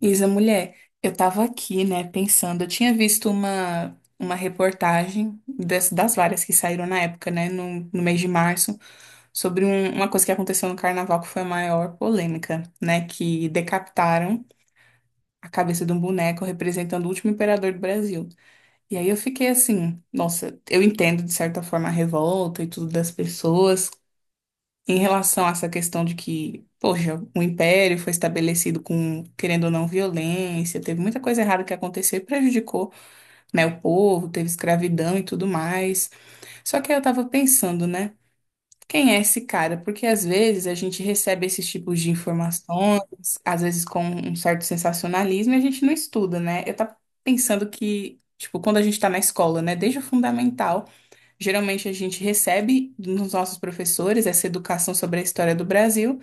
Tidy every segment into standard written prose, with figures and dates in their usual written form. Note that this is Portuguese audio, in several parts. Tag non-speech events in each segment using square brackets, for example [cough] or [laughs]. Isa, mulher, eu tava aqui, né, pensando, eu tinha visto uma reportagem das várias que saíram na época, né, no mês de março, sobre uma coisa que aconteceu no carnaval que foi a maior polêmica, né, que decapitaram a cabeça de um boneco representando o último imperador do Brasil. E aí eu fiquei assim, nossa, eu entendo de certa forma a revolta e tudo das pessoas, em relação a essa questão de que, poxa, o império foi estabelecido com, querendo ou não, violência, teve muita coisa errada que aconteceu e prejudicou, né, o povo, teve escravidão e tudo mais. Só que aí eu tava pensando, né? Quem é esse cara? Porque às vezes a gente recebe esses tipos de informações, às vezes com um certo sensacionalismo, e a gente não estuda, né? Eu tava pensando que, tipo, quando a gente tá na escola, né, desde o fundamental, geralmente a gente recebe nos nossos professores essa educação sobre a história do Brasil,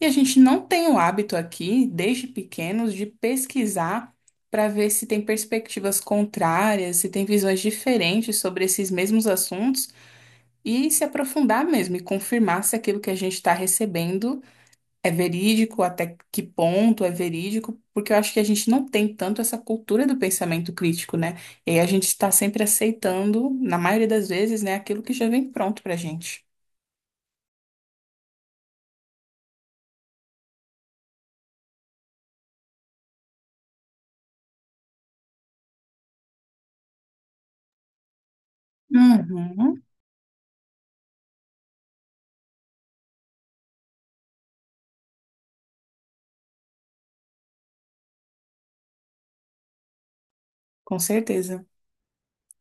e a gente não tem o hábito aqui, desde pequenos, de pesquisar para ver se tem perspectivas contrárias, se tem visões diferentes sobre esses mesmos assuntos e se aprofundar mesmo e confirmar se aquilo que a gente está recebendo é verídico, até que ponto é verídico, porque eu acho que a gente não tem tanto essa cultura do pensamento crítico, né? E aí a gente está sempre aceitando, na maioria das vezes, né, aquilo que já vem pronto para a gente. Uhum, com certeza.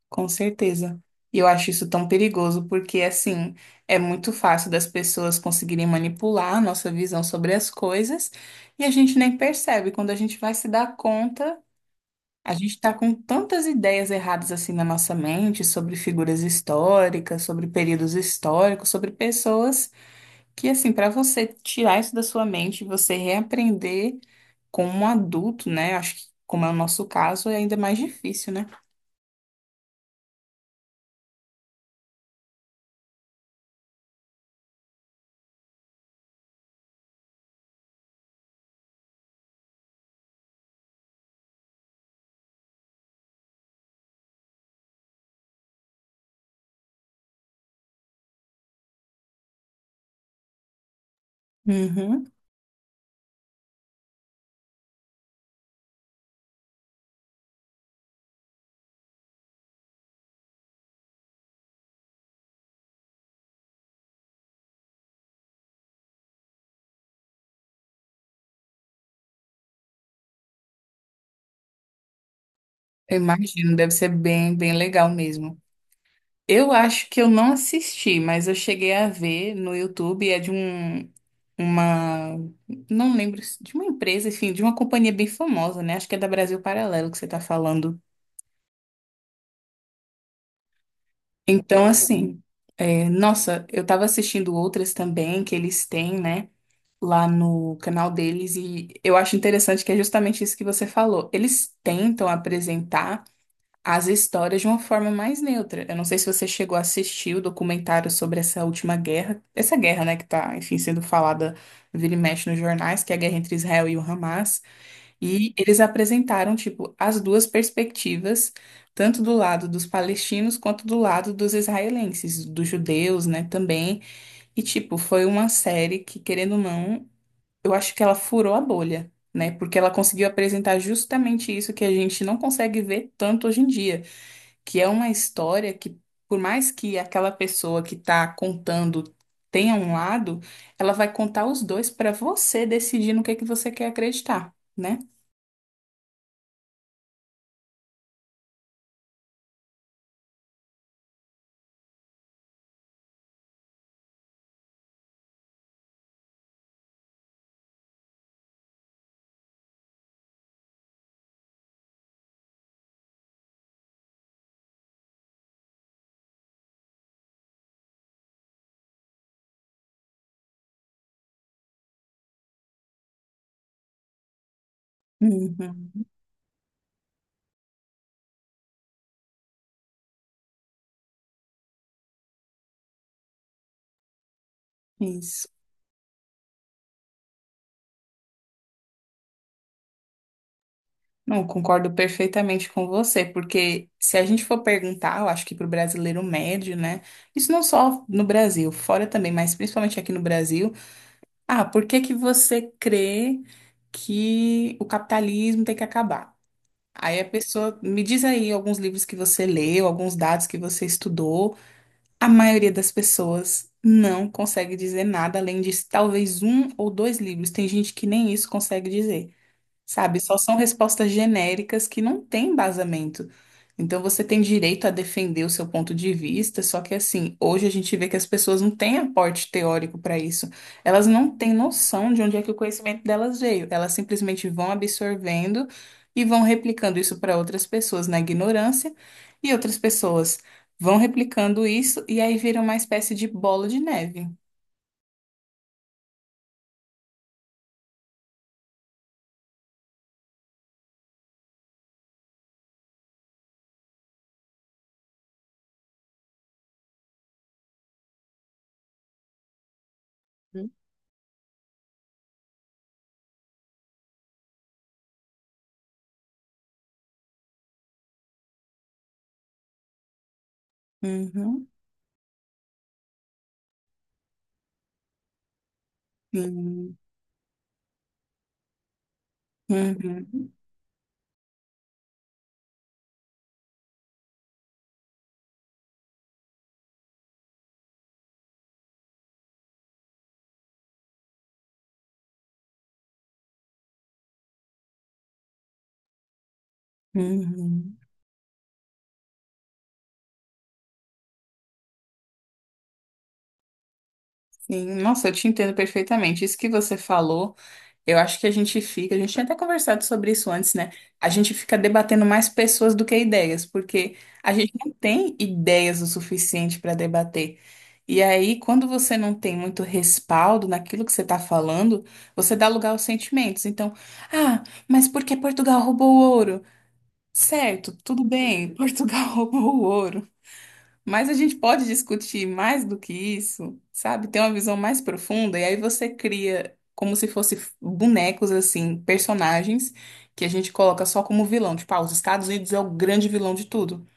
Com certeza. E eu acho isso tão perigoso, porque assim, é muito fácil das pessoas conseguirem manipular a nossa visão sobre as coisas e a gente nem percebe. Quando a gente vai se dar conta, a gente está com tantas ideias erradas assim na nossa mente sobre figuras históricas, sobre períodos históricos, sobre pessoas que assim, para você tirar isso da sua mente, e você reaprender como um adulto, né? Acho que como é o nosso caso, é ainda mais difícil, né? Uhum. Eu imagino, deve ser bem, bem legal mesmo. Eu acho que eu não assisti, mas eu cheguei a ver no YouTube, é de um, uma, não lembro, de uma empresa, enfim, de uma companhia bem famosa, né? Acho que é da Brasil Paralelo que você tá falando. Então, assim, é, nossa, eu tava assistindo outras também que eles têm, né? Lá no canal deles, e eu acho interessante que é justamente isso que você falou. Eles tentam apresentar as histórias de uma forma mais neutra. Eu não sei se você chegou a assistir o documentário sobre essa última guerra, essa guerra, né, que tá, enfim, sendo falada vira e mexe nos jornais, que é a guerra entre Israel e o Hamas, e eles apresentaram, tipo, as duas perspectivas, tanto do lado dos palestinos quanto do lado dos israelenses, dos judeus, né, também, e, tipo, foi uma série que, querendo ou não, eu acho que ela furou a bolha. Né, porque ela conseguiu apresentar justamente isso que a gente não consegue ver tanto hoje em dia que é uma história que, por mais que aquela pessoa que está contando tenha um lado, ela vai contar os dois para você decidir no que você quer acreditar, né? Uhum. Isso. Não, concordo perfeitamente com você, porque se a gente for perguntar, eu acho que para o brasileiro médio, né? Isso não só no Brasil, fora também, mas principalmente aqui no Brasil. Ah, por que que você crê que o capitalismo tem que acabar? Aí a pessoa me diz aí alguns livros que você leu, alguns dados que você estudou. A maioria das pessoas não consegue dizer nada além de talvez um ou dois livros. Tem gente que nem isso consegue dizer. Sabe, só são respostas genéricas que não têm embasamento. Então você tem direito a defender o seu ponto de vista, só que assim, hoje a gente vê que as pessoas não têm aporte teórico para isso. Elas não têm noção de onde é que o conhecimento delas veio. Elas simplesmente vão absorvendo e vão replicando isso para outras pessoas na ignorância, e outras pessoas vão replicando isso e aí vira uma espécie de bola de neve. Uhum, uhum, uhum, uhum. Sim, nossa, eu te entendo perfeitamente. Isso que você falou, eu acho que a gente fica, a gente tinha até conversado sobre isso antes, né? A gente fica debatendo mais pessoas do que ideias, porque a gente não tem ideias o suficiente para debater. E aí, quando você não tem muito respaldo naquilo que você está falando, você dá lugar aos sentimentos. Então, ah, mas por que Portugal roubou o ouro? Certo, tudo bem, [laughs] Portugal roubou o ouro. Mas a gente pode discutir mais do que isso, sabe? Ter uma visão mais profunda, e aí você cria como se fosse bonecos, assim, personagens que a gente coloca só como vilão. Tipo, ah, os Estados Unidos é o grande vilão de tudo.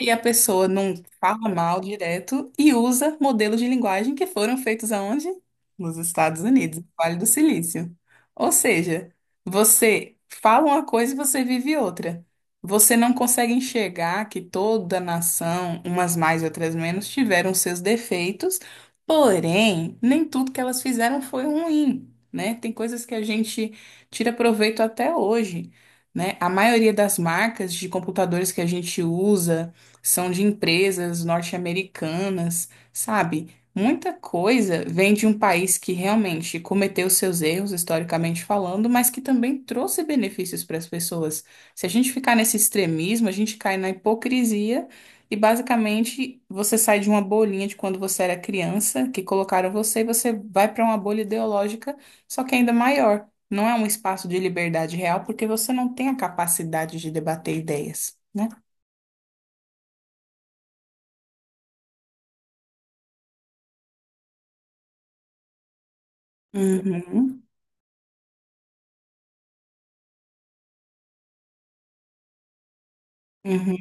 E a pessoa não fala mal direto e usa modelos de linguagem que foram feitos aonde? Nos Estados Unidos, no Vale do Silício. Ou seja, você fala uma coisa e você vive outra. Você não consegue enxergar que toda nação, umas mais e outras menos, tiveram seus defeitos, porém, nem tudo que elas fizeram foi ruim, né? Tem coisas que a gente tira proveito até hoje. Né? A maioria das marcas de computadores que a gente usa são de empresas norte-americanas, sabe? Muita coisa vem de um país que realmente cometeu seus erros, historicamente falando, mas que também trouxe benefícios para as pessoas. Se a gente ficar nesse extremismo, a gente cai na hipocrisia e basicamente você sai de uma bolinha de quando você era criança, que colocaram você, e você vai para uma bolha ideológica, só que ainda maior. Não é um espaço de liberdade real, porque você não tem a capacidade de debater ideias, né? Uhum. Uhum,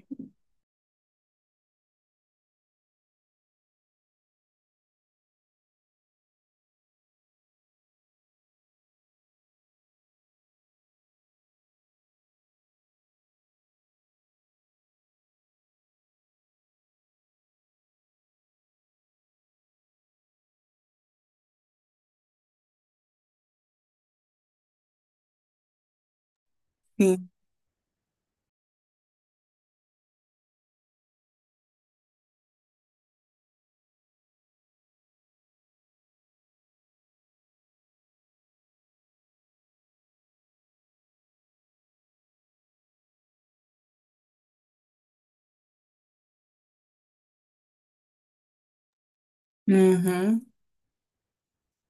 sim. Uhum,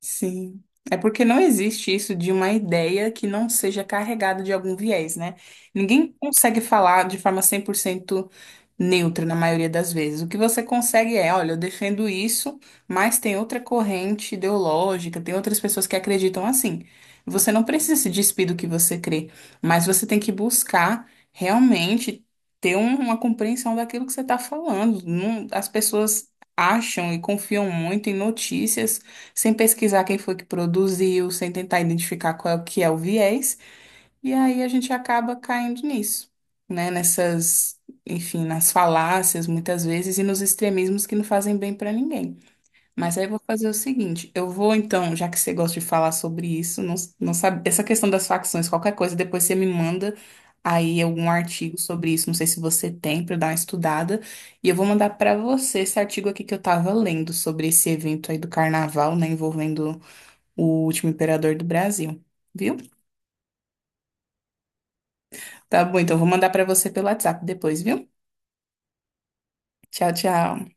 sim. É porque não existe isso de uma ideia que não seja carregada de algum viés, né? Ninguém consegue falar de forma 100% neutra na maioria das vezes. O que você consegue é, olha, eu defendo isso, mas tem outra corrente ideológica, tem outras pessoas que acreditam assim. Você não precisa se despir do que você crê, mas você tem que buscar realmente ter uma compreensão daquilo que você está falando. Não, as pessoas acham e confiam muito em notícias sem pesquisar quem foi que produziu, sem tentar identificar qual é o que é o viés. E aí a gente acaba caindo nisso, né? Nessas, enfim, nas falácias muitas vezes e nos extremismos que não fazem bem para ninguém. Mas aí eu vou fazer o seguinte, eu vou então, já que você gosta de falar sobre isso, não, não sabe, essa questão das facções, qualquer coisa, depois você me manda aí algum artigo sobre isso, não sei se você tem para dar uma estudada, e eu vou mandar para você esse artigo aqui que eu tava lendo sobre esse evento aí do carnaval, né, envolvendo o último imperador do Brasil. Viu? Tá bom, então vou mandar pra você pelo WhatsApp depois, viu? Tchau, tchau.